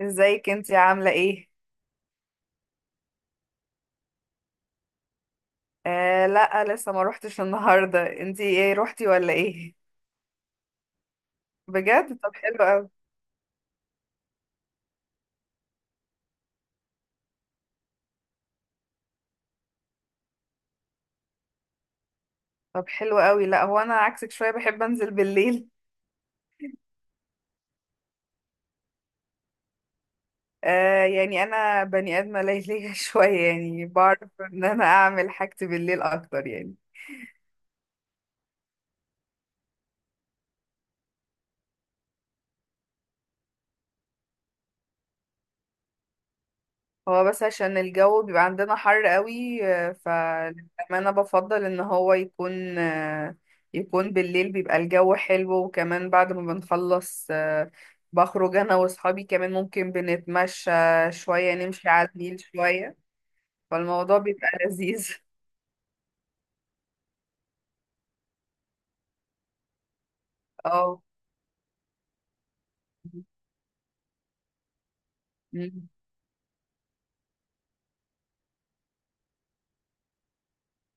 ازيك انتي عاملة ايه؟ آه لا، لسه ما روحتش النهاردة. انتي ايه، روحتي ولا ايه؟ بجد؟ طب حلو قوي. طب حلو قوي، لا هو انا عكسك شوية، بحب انزل بالليل. آه يعني انا بني ادمة ليلية شوية، يعني بعرف ان انا اعمل حاجتي بالليل اكتر يعني. هو بس عشان الجو بيبقى عندنا حر قوي، فللأمانة بفضل ان هو يكون يكون بالليل، بيبقى الجو حلو، وكمان بعد ما بنخلص بخرج انا واصحابي، كمان ممكن بنتمشى شوية، نمشي على النيل شوية، فالموضوع بيبقى لذيذ اه. مم.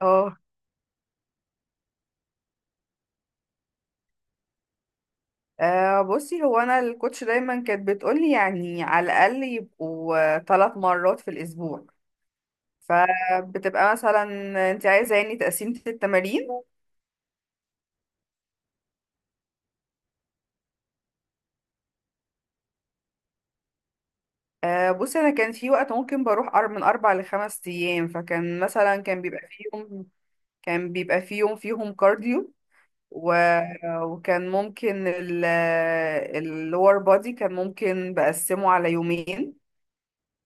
اه. بصي، هو انا الكوتش دايما كانت بتقولي يعني على الاقل يبقوا 3 مرات في الاسبوع، فبتبقى مثلا. انت عايزه يعني تقسيمه التمارين؟ بصي، انا كان في وقت ممكن بروح من 4 لـ5 أيام، فكان مثلا كان بيبقى فيهم كارديو، و... وكان ممكن اللور بودي كان ممكن بقسمه على يومين،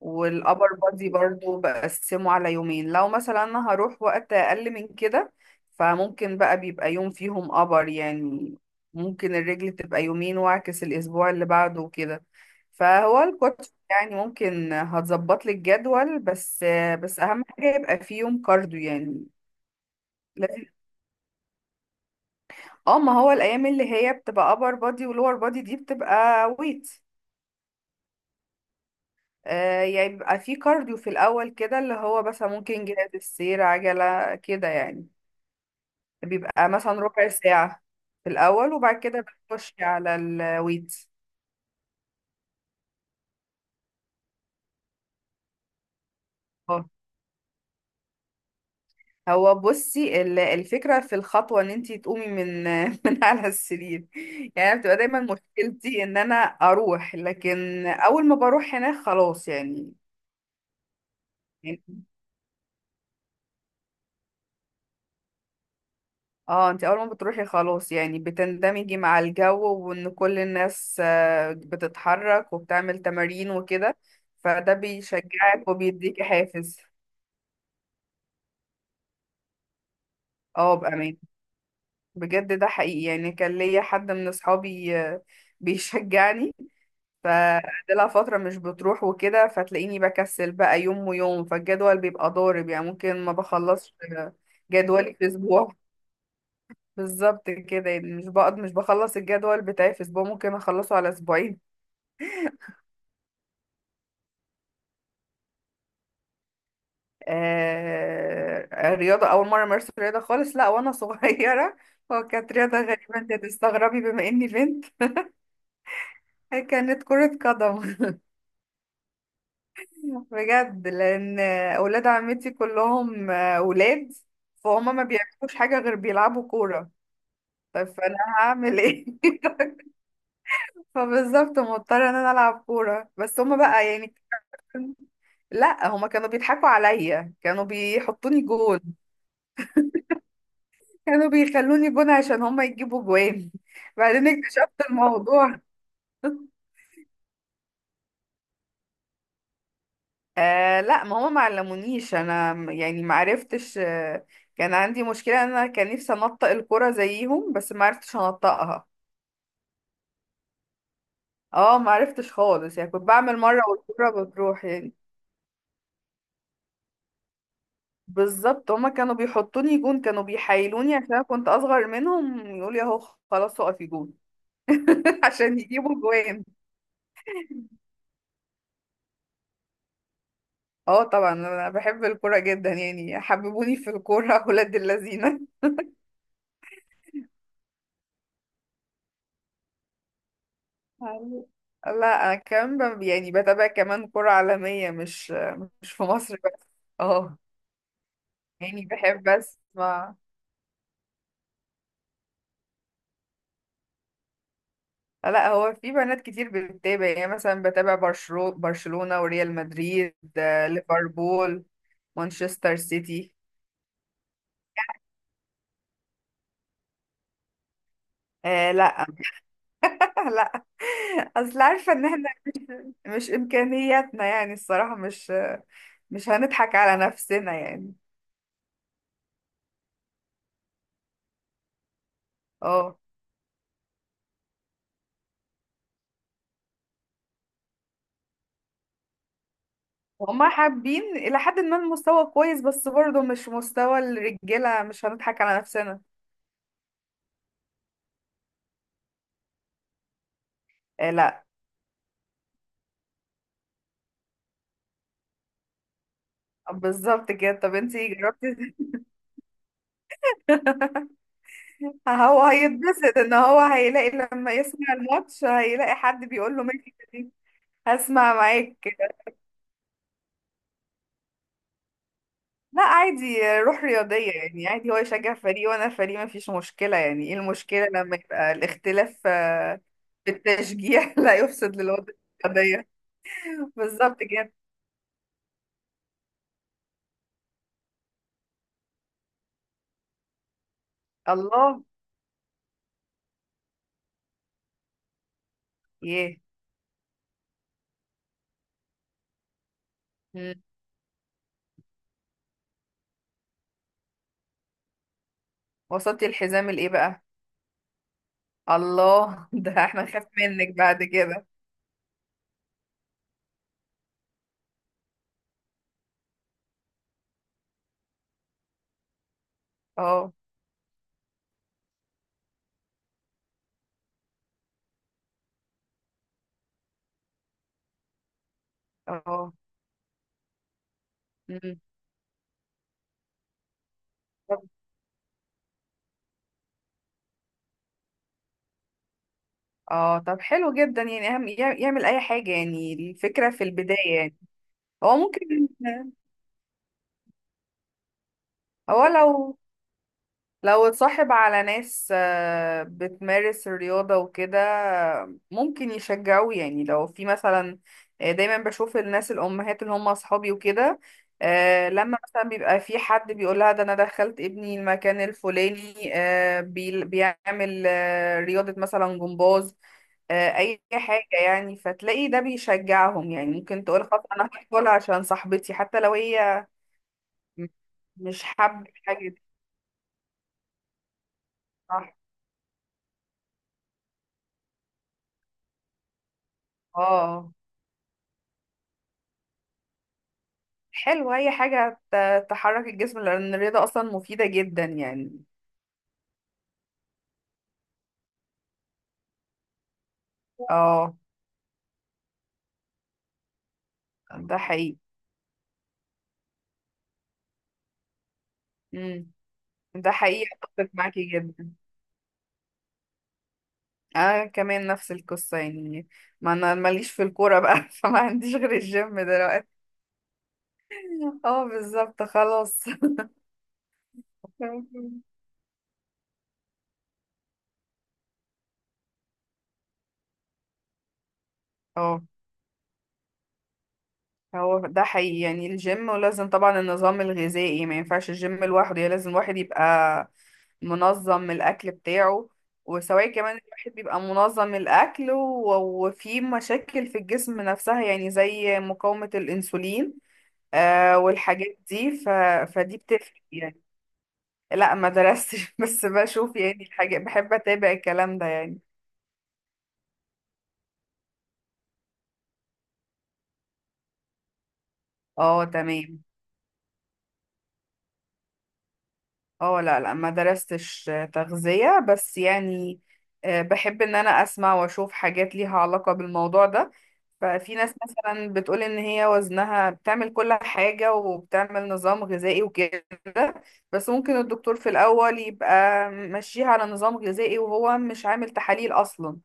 والأبر بادي برضو بقسمه على يومين لو مثلا أنا هروح وقت أقل من كده. فممكن بقى بيبقى يوم فيهم أبر يعني، ممكن الرجل تبقى يومين وأعكس الأسبوع اللي بعده وكده، فهو الكوتش يعني ممكن هتظبط لي الجدول، بس أهم حاجة يبقى فيه يوم كارديو يعني. لازم. اه، ما هو الأيام اللي هي بتبقى أبر بادي ولور بادي دي بتبقى ويت. يعني بيبقى في كارديو في الأول كده، اللي هو بس ممكن جهاز السير، عجلة كده يعني، بيبقى مثلا ربع ساعة في الأول، وبعد كده بتخشي على الويتس. اه، هو بصي الفكرة في الخطوة ان انتي تقومي من من على السرير، يعني أنا بتبقى دايما مشكلتي ان انا اروح، لكن اول ما بروح هناك خلاص يعني. اه، انت اول ما بتروحي خلاص يعني، بتندمجي مع الجو، وان كل الناس بتتحرك وبتعمل تمارين وكده، فده بيشجعك وبيديكي حافز. اه بأمان. بجد ده حقيقي يعني، كان ليا حد من اصحابي بيشجعني، فقعدلها فترة مش بتروح وكده، فتلاقيني بكسل بقى يوم ويوم، فالجدول بيبقى ضارب يعني، ممكن ما بخلصش جدولي في اسبوع. بالظبط كده يعني، مش بقعد، مش بخلص الجدول بتاعي في اسبوع، ممكن اخلصه على اسبوعين. رياضة أول مرة أمارس رياضة خالص، لا وأنا صغيرة هو كانت رياضة غريبة، أنت هتستغربي بما إني بنت كانت كرة قدم بجد لأن أولاد عمتي كلهم أولاد، فهم ما بيعملوش حاجة غير بيلعبوا كورة. طب فأنا هعمل إيه؟ فبالظبط مضطرة إن أنا ألعب كورة، بس هما بقى يعني. لا، هما كانوا بيضحكوا عليا، كانوا بيحطوني جول، كانوا بيخلوني جون عشان هما يجيبوا جوان بعدين اكتشفت الموضوع. آه لا، ما هما ما علمونيش انا، يعني ما عرفتش. كان عندي مشكلة إن انا كان نفسي انطق الكرة زيهم، بس ما عرفتش انطقها. اه ما عرفتش خالص يعني، كنت بعمل مرة والكرة بتروح يعني. بالظبط، هما كانوا بيحطوني جون، كانوا بيحايلوني عشان انا كنت اصغر منهم، يقولي اهو خلاص اقفي جون عشان يجيبوا جوان. اه طبعا، انا بحب الكوره جدا يعني، حببوني في الكوره ولاد اللذينه. عن- لا انا كمان يعني بتابع كمان كرة عالمية، مش في مصر بس. اه، يعني بحب اسمع. لا هو في بنات كتير بتتابع يعني، مثلا بتابع برشلونة وريال مدريد، ليفربول، مانشستر سيتي. آه لا لا، اصل عارفة ان احنا، مش امكانياتنا يعني، الصراحة، مش هنضحك على نفسنا يعني. اه، هما حابين إلى حد ما، المستوى كويس، بس برضه مش مستوى الرجالة، مش هنضحك على نفسنا. آه لا، بالظبط كده. طب انتي جربتي؟ هو هيتبسط ان هو هيلاقي لما يسمع الماتش هيلاقي حد بيقول له ميرسي دي. هسمع معاك. لا عادي، روح رياضية يعني، عادي هو يشجع فريق وانا فريق، مفيش مشكلة، يعني ايه المشكلة لما يبقى الاختلاف في التشجيع لا يفسد للوضع الرياضية. بالظبط كده. الله. ياه. مم. وصلتي الحزام الايه بقى؟ الله ده احنا نخاف منك بعد كده. اه. اه. مم. طب- اه، طب حلو جدا يعني، اهم يعمل اي حاجه، يعني الفكره في البدايه يعني. هو ممكن هو لو اتصاحب على ناس بتمارس الرياضة وكده، ممكن يشجعوه يعني، لو في مثلا، دايما بشوف الناس الأمهات اللي هم أصحابي وكده، لما مثلا بيبقى في حد بيقولها ده أنا دخلت ابني المكان الفلاني، بيعمل رياضة مثلا جمباز، أي حاجة يعني. فتلاقي ده بيشجعهم يعني، ممكن تقول خلاص أنا هدخل عشان صاحبتي، حتى لو هي مش حابة الحاجة دي. صح. اه. حلو، اي حاجة تحرك الجسم، لان الرياضة اصلا مفيدة جدا يعني. اه، ده حقيقي. امم ده حقيقي، اتفق معاكي جدا، انا كمان نفس القصة يعني، ما انا ماليش في الكورة بقى فما عنديش غير الجيم دلوقتي. اه بالظبط، خلاص. اه، هو ده حقيقي يعني، الجيم ولازم طبعا النظام الغذائي، ما ينفعش الجيم لوحده يعني، لازم الواحد يبقى منظم الأكل بتاعه، وسواء كمان الواحد بيبقى منظم الأكل، وفي مشاكل في الجسم نفسها، يعني زي مقاومة الأنسولين والحاجات دي. فدي بتفرق يعني. لا ما درستش بس بشوف يعني الحاجات، بحب أتابع الكلام ده يعني. اه تمام. اه، لا لا ما درستش تغذية بس يعني، بحب ان انا اسمع واشوف حاجات ليها علاقة بالموضوع ده، ففي ناس مثلا بتقول ان هي وزنها بتعمل كل حاجة وبتعمل نظام غذائي وكده، بس ممكن الدكتور في الاول يبقى ماشيها على نظام غذائي وهو مش عامل تحاليل اصلا،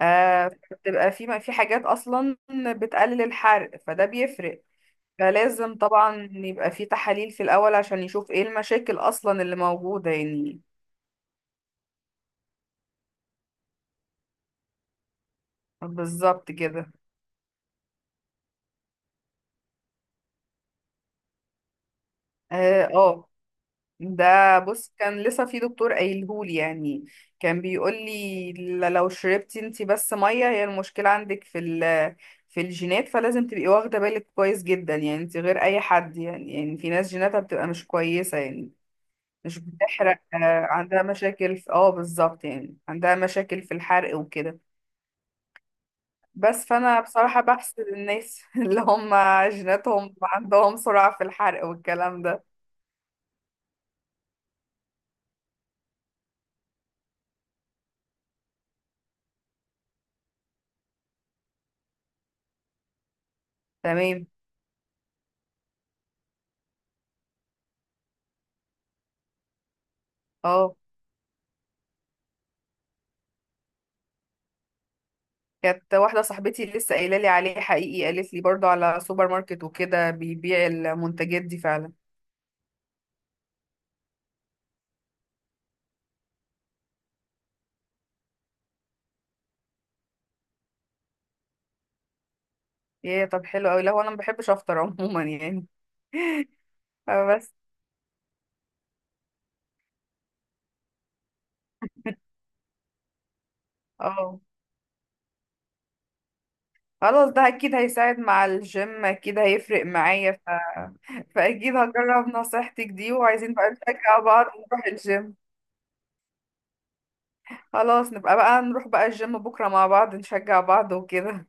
بتبقى في حاجات اصلا بتقلل الحرق، فده بيفرق. فلازم طبعا يبقى في تحاليل في الأول عشان يشوف ايه المشاكل أصلا اللي موجودة يعني. بالظبط كده. اه آه. ده بص كان لسه في دكتور قايلهولي يعني، كان بيقولي لو شربتي انتي بس مية، هي المشكلة عندك في الجينات، فلازم تبقي واخدة بالك كويس جدا يعني، انتي غير أي حد يعني في ناس جيناتها بتبقى مش كويسة يعني، مش بتحرق، عندها مشاكل اه بالظبط، يعني عندها مشاكل في الحرق وكده، بس فانا بصراحة بحسد الناس اللي هم جيناتهم عندهم سرعة في الحرق والكلام ده. تمام اه. كانت واحدة صاحبتي لسه قايلة لي عليه حقيقي، قالت لي برضو على سوبر ماركت وكده بيبيع المنتجات دي فعلا. ايه طب حلو قوي، لا هو انا ما بحبش افطر عموما يعني، بس اه خلاص ده اكيد هيساعد مع الجيم، اكيد هيفرق معايا، فاكيد هجرب نصيحتك دي، وعايزين بقى نشجع بعض نروح الجيم. خلاص نبقى بقى نروح بقى الجيم بكرة مع بعض، نشجع بعض وكده.